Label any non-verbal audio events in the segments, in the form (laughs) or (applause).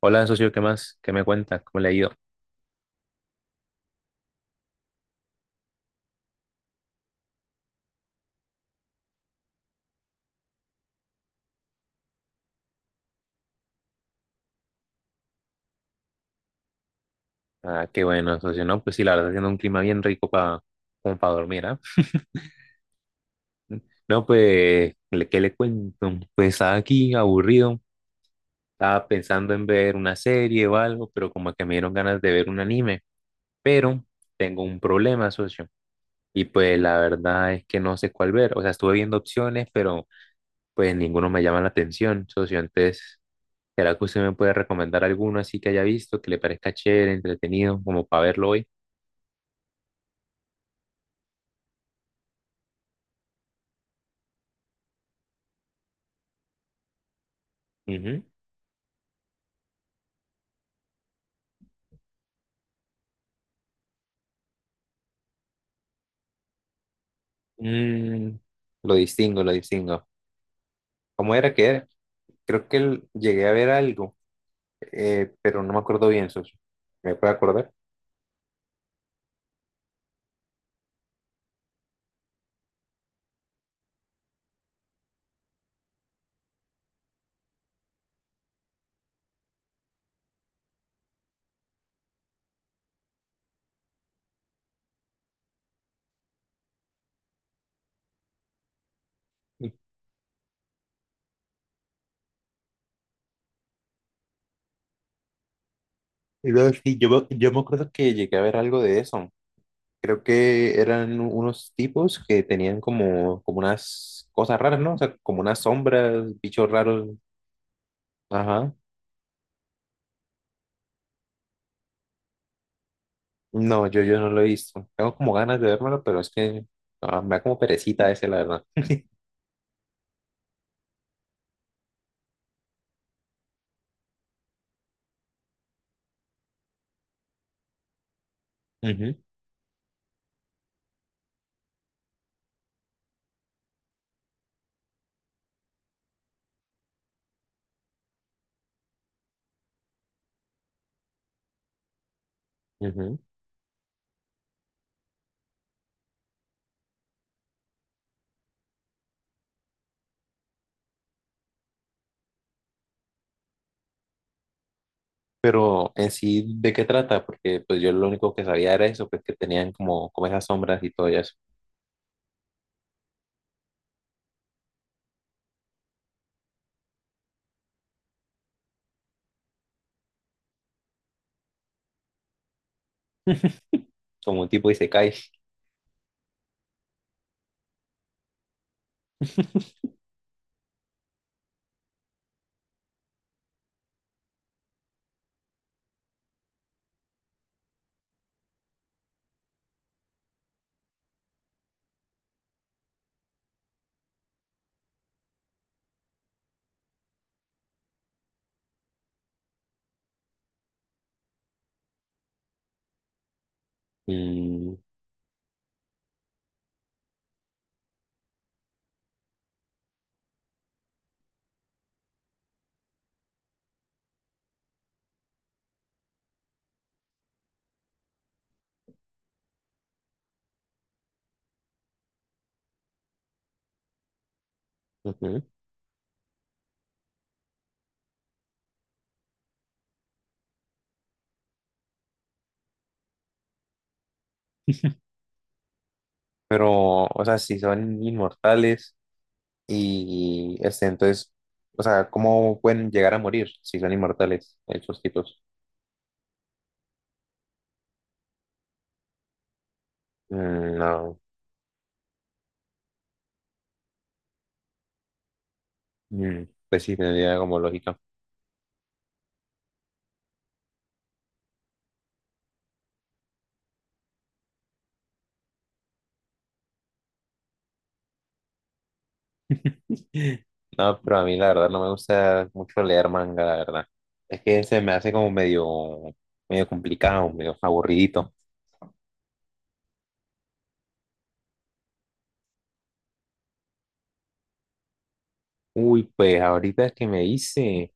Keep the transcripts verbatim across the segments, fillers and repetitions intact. Hola, socio, ¿qué más? ¿Qué me cuenta? ¿Cómo le ha ido? Ah, qué bueno, socio, ¿no? Pues sí, la verdad, haciendo un clima bien rico para como para dormir, ¿ah? No, pues, ¿le- ¿qué le cuento? Pues estaba aquí aburrido, estaba pensando en ver una serie o algo, pero como que me dieron ganas de ver un anime, pero tengo un problema, socio, y pues la verdad es que no sé cuál ver, o sea, estuve viendo opciones, pero pues ninguno me llama la atención, socio, entonces, ¿será que usted me puede recomendar alguno así que haya visto, que le parezca chévere, entretenido, como para verlo hoy? Ujú. Mm, lo distingo, lo distingo. ¿Cómo era que era? Creo que l- llegué a ver algo, eh, pero no me acuerdo bien, socio. ¿Me puede acordar? Y- y luego sí, yo, me- yo me acuerdo que llegué a ver algo de eso. Creo que eran unos tipos que tenían como, como unas cosas raras, ¿no? O sea, como unas sombras, bichos raros. Ajá. No, yo, yo no lo he visto. Tengo como ganas de verlo pero es que ah, me da como perecita ese, la verdad. Ujú, ujú. Pero en sí, ¿de qué trata? Porque pues yo lo único que sabía era eso, pues que tenían como, como esas sombras y todo eso, como un tipo de isekai. Y, ujú. Pero, o sea, si son inmortales y este, entonces, o sea, ¿cómo pueden llegar a morir si son inmortales esos tipos? Mm, no, Mm, pues sí, tendría como lógica. (laughs) No, pero a mí la verdad no me gusta mucho leer manga, la verdad. Es que se me hace como medio, medio complicado, medio aburridito. Uy, pues ahorita que me hice,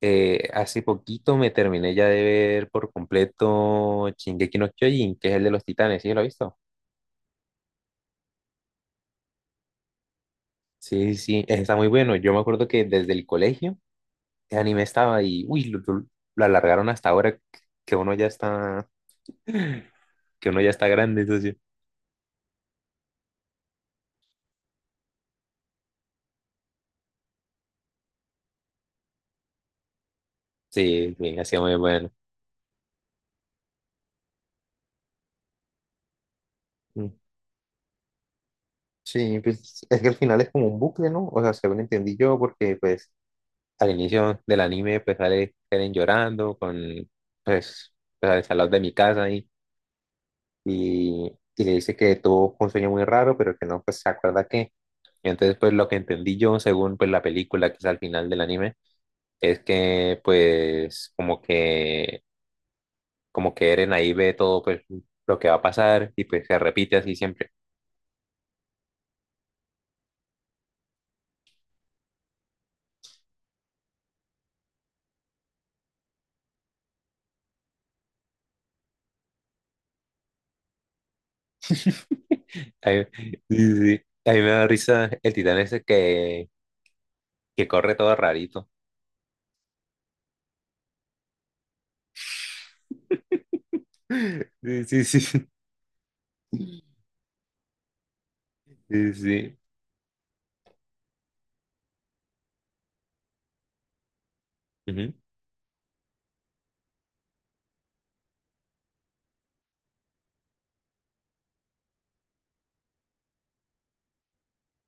eh, hace poquito me terminé ya de ver por completo Shingeki no Kyojin, que es el de los titanes, ¿sí lo has visto? Sí, sí, está muy bueno. Yo me acuerdo que desde el colegio el anime estaba y, uy, lo, lo- lo alargaron hasta ahora que uno ya está, (laughs) que uno ya está grande, entonces. Sí, sí, hacía muy bueno. Mm, sí, pues es que al final es como un bucle, ¿no? O sea, según entendí yo, porque pues al inicio del anime, pues sale Eren llorando con, pues, pues al salón de mi casa y, y, y le dice que tuvo un sueño muy raro, pero que no, pues, se acuerda que. Y entonces, pues, lo que entendí yo, según, pues, la película que es al final del anime, es que, pues, como que, como que Eren ahí ve todo, pues, lo que va a pasar y, pues, se repite así siempre. A mí, (laughs) sí, sí. A mí me da risa el titán ese que, que corre todo rarito. (laughs) Sí, sí, sí. Sí, sí. Ujú.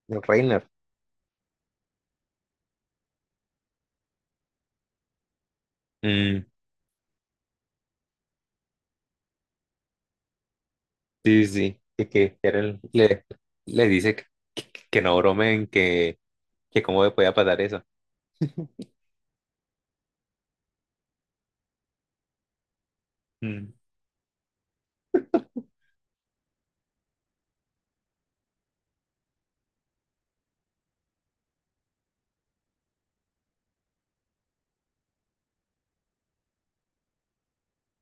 El Reiner. Mm, sí, sí, sí. y que era el- le le dice que, que- que no bromen, que, que cómo le podía pasar eso. Mm.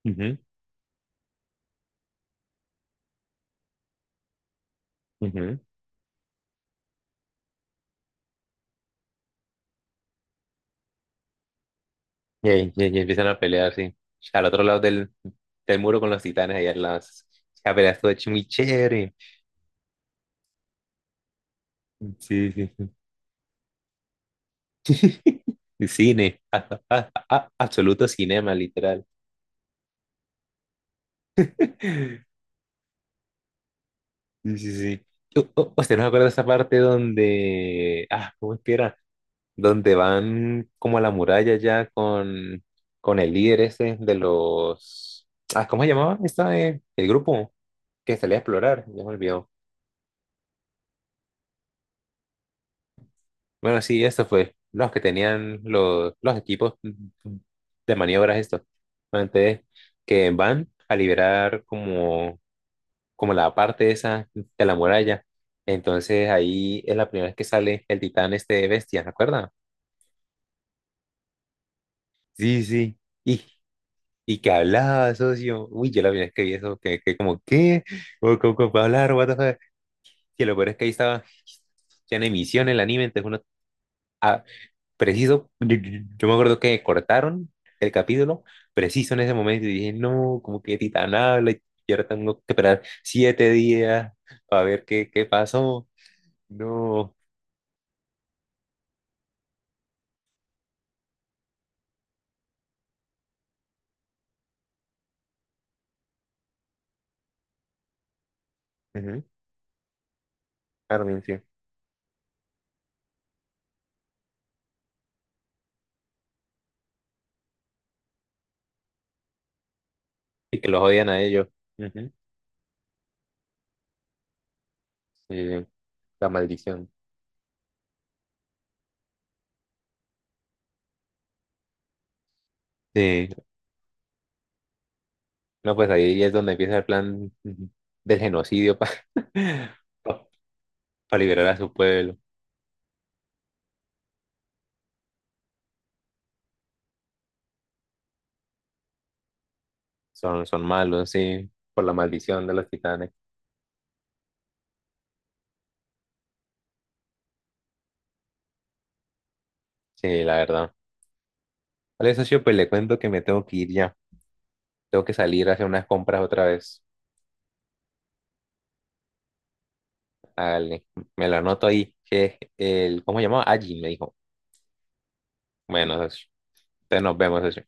Ujú, ujú. Y, ahí- y ahí empiezan a pelear, sí. Al otro lado del, del muro con los titanes, allá las... La pelea estuvo hecho muy chévere. Sí, sí, sí. (laughs) Cine, a- a- a- absoluto cinema, literal. Sí, sí, sí. U- u- ¿Usted no se acuerda de esa parte donde... Ah, ¿cómo es que era? Donde van como a la muralla ya con, con el líder ese de los... Ah, ¿cómo se llamaba? Esta, eh, el grupo que salía a explorar, ya me olvidó. Bueno, sí, eso fue. Los que tenían los, los equipos de maniobras estos. Entonces, que van a liberar como, como la parte esa de la muralla. Entonces ahí es la primera vez que sale el titán este bestia, ¿se acuerdan? Sí, sí. Y y que hablaba, socio. Uy, yo la primera vez que vi eso, que, que como, ¿qué? ¿Cómo, cómo- ¿cómo puede hablar? What the fuck? Que lo peor es que ahí estaba ya en emisión el anime, entonces uno, ah, preciso, yo, yo- yo me acuerdo que cortaron el capítulo, preciso en ese momento, y dije, no, como que Titán habla, y ahora tengo que esperar siete días para ver qué, qué pasó. No. Ujú, Armin, sí. Y que los odian a ellos. Ujú. Sí, la maldición. Sí. No, pues ahí es donde empieza el plan del genocidio para (laughs) liberar a su pueblo. Son, son malos, sí, por la maldición de los titanes. Sí, la verdad. Vale, socio, pues le cuento que me tengo que ir ya. Tengo que salir a hacer unas compras otra vez. Dale, me lo anoto ahí, que es el, ¿cómo se llamaba? Allí me dijo. Bueno, socio, entonces nos vemos, socio.